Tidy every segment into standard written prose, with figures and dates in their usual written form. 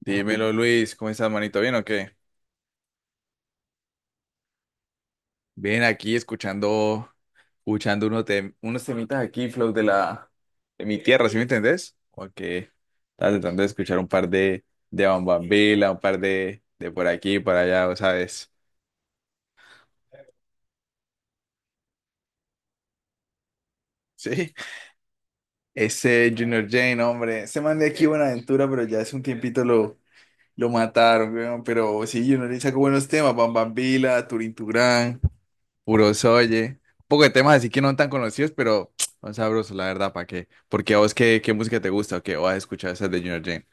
Dímelo, Luis, ¿cómo estás, manito? ¿Bien o qué? Bien, aquí escuchando unos, unos temitas aquí, flow de mi tierra, ¿sí me entendés? Como que estaba tratando de escuchar un par de Bambambila, un par de por aquí, por allá, ¿vos sabes? Sí. Ese Junior Jane, hombre, se man de aquí Buenaventura, pero ya hace un tiempito lo mataron, weón, pero sí, Junior Jane sacó buenos temas, Bambambila, Turín Turán. Puro Soye. Un poco de temas así que no tan conocidos, pero son sabrosos, la verdad, ¿para qué? Porque a vos, ¿qué música te gusta o qué? ¿O has escuchado esas de Junior Jane?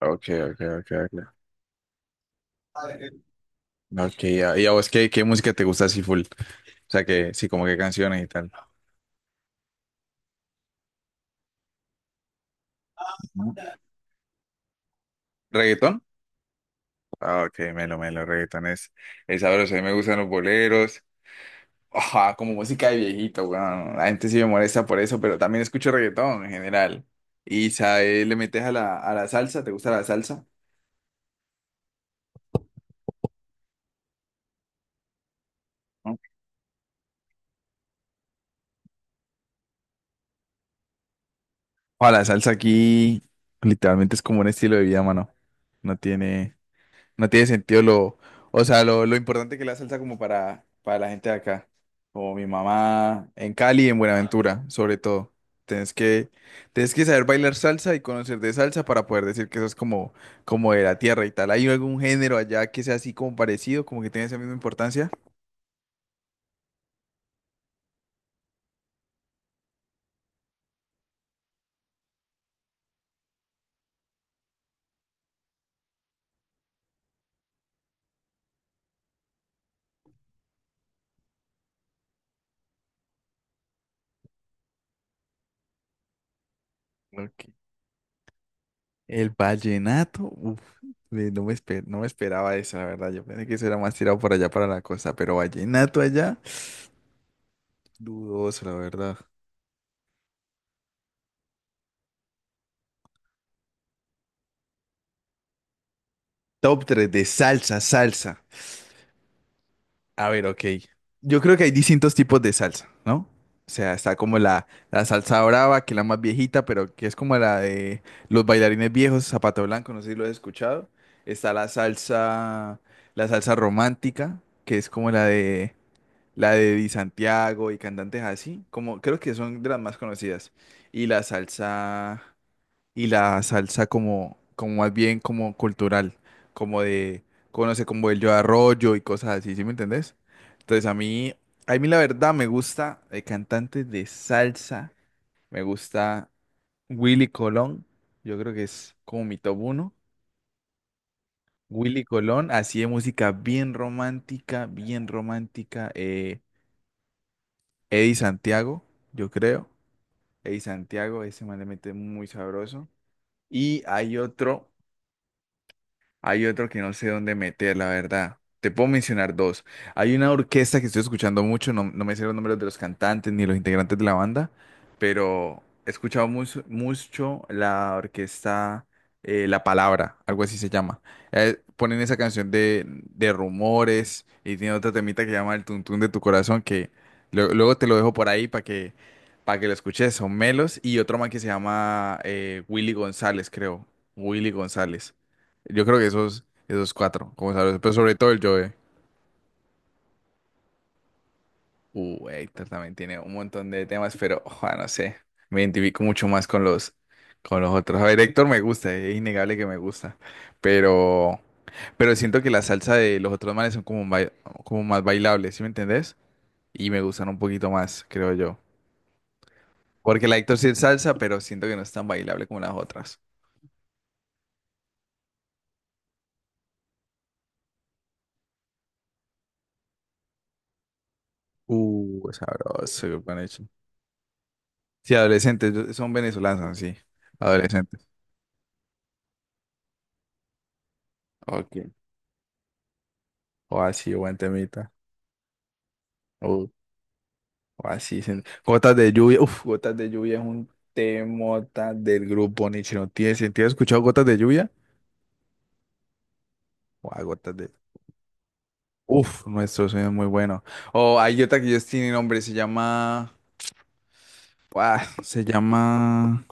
Ok, ok, ok, ok. Ok, ya. ¿Y a vos qué música te gusta así full? O sea, que sí, como qué canciones y tal. Ujú. ¿Reggaetón? Ah, ok, melo, melo, reggaetón es sabroso. A mí me gustan los boleros. Ajá, como música de viejito, weón. La gente sí me molesta por eso, pero también escucho reggaetón en general. ¿Y sabes, le metes a la salsa? ¿Te gusta la salsa? Ojo, la salsa aquí literalmente es como un estilo de vida, mano. No tiene, no tiene sentido o sea, lo importante que es la salsa como para la gente de acá, como mi mamá en Cali y en Buenaventura, sobre todo. Tienes que, tienes que saber bailar salsa y conocer de salsa para poder decir que eso es como de la tierra y tal. ¿Hay algún género allá que sea así como parecido, como que tiene esa misma importancia? Ok. El vallenato, uf, no me no me esperaba eso, la verdad. Yo pensé que eso era más tirado por allá para la costa, pero vallenato allá, dudoso, la verdad. Top 3 de salsa, salsa. A ver, ok. Yo creo que hay distintos tipos de salsa, ¿no? O sea, está como la salsa brava, que es la más viejita, pero que es como la de los bailarines viejos, Zapato Blanco, no sé si lo has escuchado. Está la salsa romántica, que es como la de Di Santiago y cantantes así, como creo que son de las más conocidas. Y la salsa, y la salsa como más bien como cultural, como de, conoce como el Yo Arroyo y cosas así, ¿sí me entendés? Entonces a mí la verdad me gusta cantantes de salsa, me gusta Willy Colón, yo creo que es como mi top uno. Willy Colón, así de música bien romántica, Eddie Santiago, yo creo. El Santiago, ese man le mete muy sabroso. Y hay otro. Hay otro que no sé dónde meter, la verdad. Te puedo mencionar dos. Hay una orquesta que estoy escuchando mucho, no me sé los nombres de los cantantes ni los integrantes de la banda, pero he escuchado mucho, mucho la orquesta La Palabra, algo así se llama. Ponen esa canción de rumores y tiene otra temita que se llama El Tuntún de tu Corazón, que luego te lo dejo por ahí para que lo escuches. Son Melos y otro man que se llama Willy González, creo. Willy González. Yo creo que esos cuatro, como sabes, pero sobre todo el Joe. Héctor también tiene un montón de temas, pero ojo, no sé, me identifico mucho más con los otros. A ver, Héctor me gusta, es innegable que me gusta, pero, pero siento que la salsa de los otros manes son como más bailables, ¿sí me entendés? Y me gustan un poquito más, creo yo. Porque la Héctor sí es salsa, pero siento que no es tan bailable como las otras. Sabroso, qué buen hecho. Sí, adolescentes, son venezolanos, sí, adolescentes. Ok. O así, buen temita. Uh, o así, gotas de lluvia. Uf, gotas de lluvia es un temota del grupo Nietzsche. ¿No tiene sentido? ¿Has escuchado gotas de lluvia? O a gotas de. Uf, nuestro sueño es muy bueno. O hay otra que ellos tienen nombre, se llama. Ah, se llama.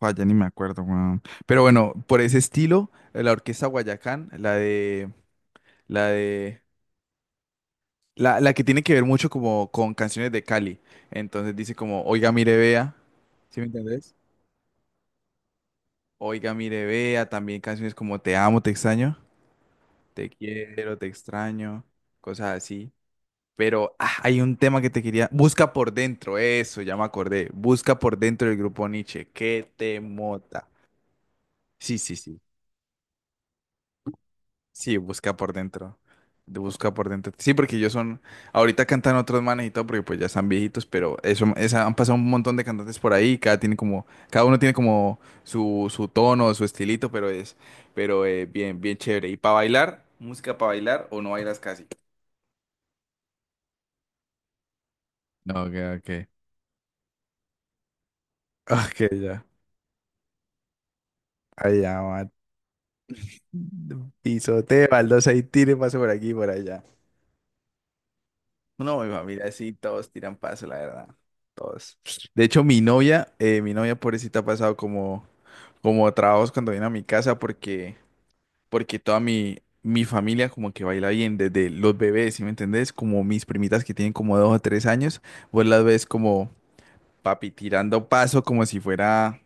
Joder, ya ni me acuerdo, weón. Pero bueno, por ese estilo, la orquesta Guayacán, La de. la que tiene que ver mucho como con canciones de Cali. Entonces dice como, oiga, mire, vea. ¿Sí me entendés? Oiga, mire, vea, también canciones como Te amo, te extraño, Te quiero, te extraño, cosas así. Pero hay un tema que te quería. Busca por dentro, eso, ya me acordé. Busca por dentro del grupo Nietzsche. ¿Qué te mota? Sí, sí, sí. Sí, busca por dentro. De Busca por dentro. Sí, porque ellos son. Ahorita cantan otros manes y todo, porque pues ya están viejitos, pero eso, han pasado un montón de cantantes por ahí. Cada uno tiene como su tono, su estilito, pero bien, bien chévere. ¿Y para bailar? ¿Música para bailar o no bailas casi? No, ok, ok. Ok, ya. Allá va. Pisoteo, baldosa y tire, paso por aquí y por allá. No, mi familia sí, todos tiran paso, la verdad. Todos. De hecho, mi novia pobrecita ha pasado como trabajos cuando viene a mi casa porque toda mi familia como que baila bien desde los bebés, ¿sí me entendés? Como mis primitas que tienen como 2 o 3 años, vos las ves como papi tirando paso como si fuera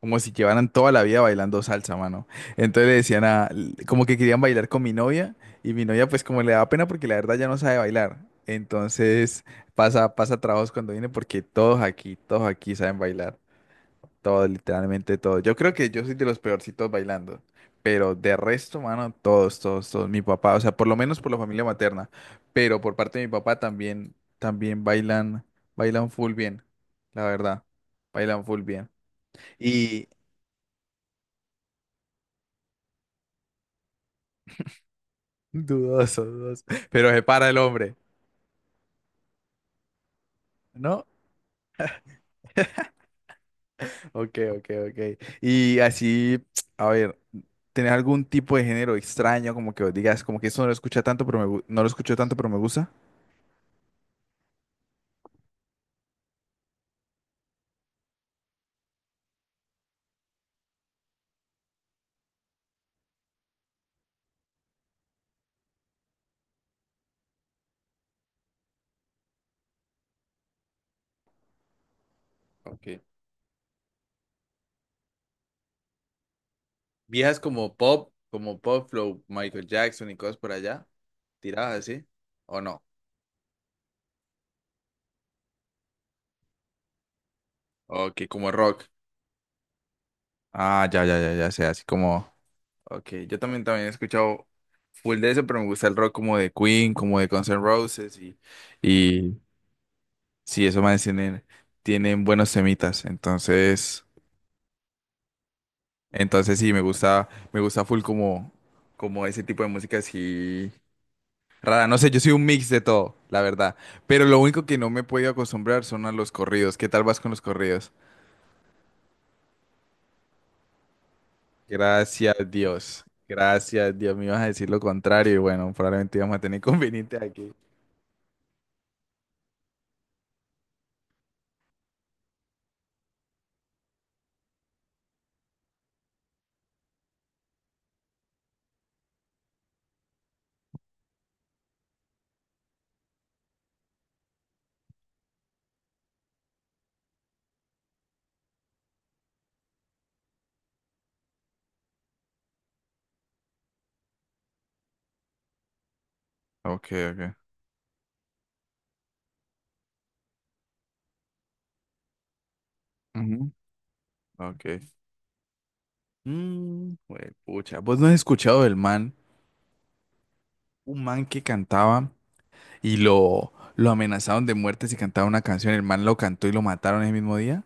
como si llevaran toda la vida bailando salsa, mano. Entonces le decían como que querían bailar con mi novia y mi novia pues como le da pena porque la verdad ya no sabe bailar. Entonces pasa trabajos cuando viene porque todos aquí saben bailar. Todos, literalmente todos. Yo creo que yo soy de los peorcitos bailando. Pero de resto, mano, todos, todos, todos. Mi papá, o sea, por lo menos por la familia materna. Pero por parte de mi papá también bailan full bien, la verdad. Bailan full bien. Y. Dudoso, dudoso. Pero se para el hombre, ¿no? Ok, ok, ok. Y así, a ver, ¿tenés algún tipo de género extraño como que vos digas, como que eso no lo escucha tanto, no lo escucho tanto, pero me gusta? Okay. Viejas como pop flow, Michael Jackson y cosas por allá, tiradas así, ¿o no? Ok, como rock. Ah, ya, ya, ya, ya sé, así como... Ok, yo también he escuchado full de eso, pero me gusta el rock como de Queen, como de Guns N' Roses y, sí, esos manes tienen buenos semitas, entonces sí, me gusta full como ese tipo de música así rara, no sé, yo soy un mix de todo, la verdad, pero lo único que no me he podido acostumbrar son a los corridos, ¿qué tal vas con los corridos? Gracias Dios, me ibas a decir lo contrario y bueno, probablemente íbamos a tener inconvenientes aquí. Ok, ok. Ujú. Ok. Mm, pucha, ¿vos no has escuchado del man? Un man que cantaba. Y lo amenazaron de muerte si cantaba una canción. El man lo cantó y lo mataron ese mismo día.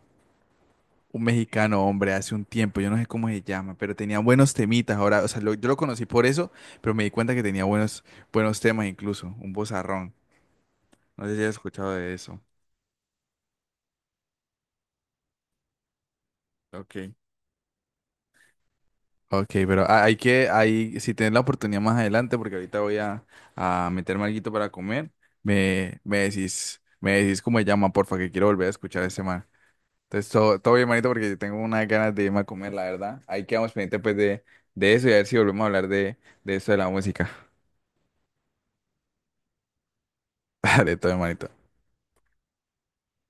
Un mexicano, hombre, hace un tiempo, yo no sé cómo se llama, pero tenía buenos temitas ahora, o sea, yo lo conocí por eso, pero me di cuenta que tenía buenos, buenos temas incluso, un vozarrón. No sé si has escuchado de eso. Ok. Ok, pero si tienes la oportunidad más adelante, porque ahorita voy a meterme alguito para comer, me decís cómo se llama, porfa, que quiero volver a escuchar ese man. Entonces, todo, todo bien, manito, porque tengo unas ganas de irme a comer, la verdad. Ahí quedamos pendientes, pues, de eso y a ver si volvemos a hablar de eso de la música. Dale, todo bien, manito.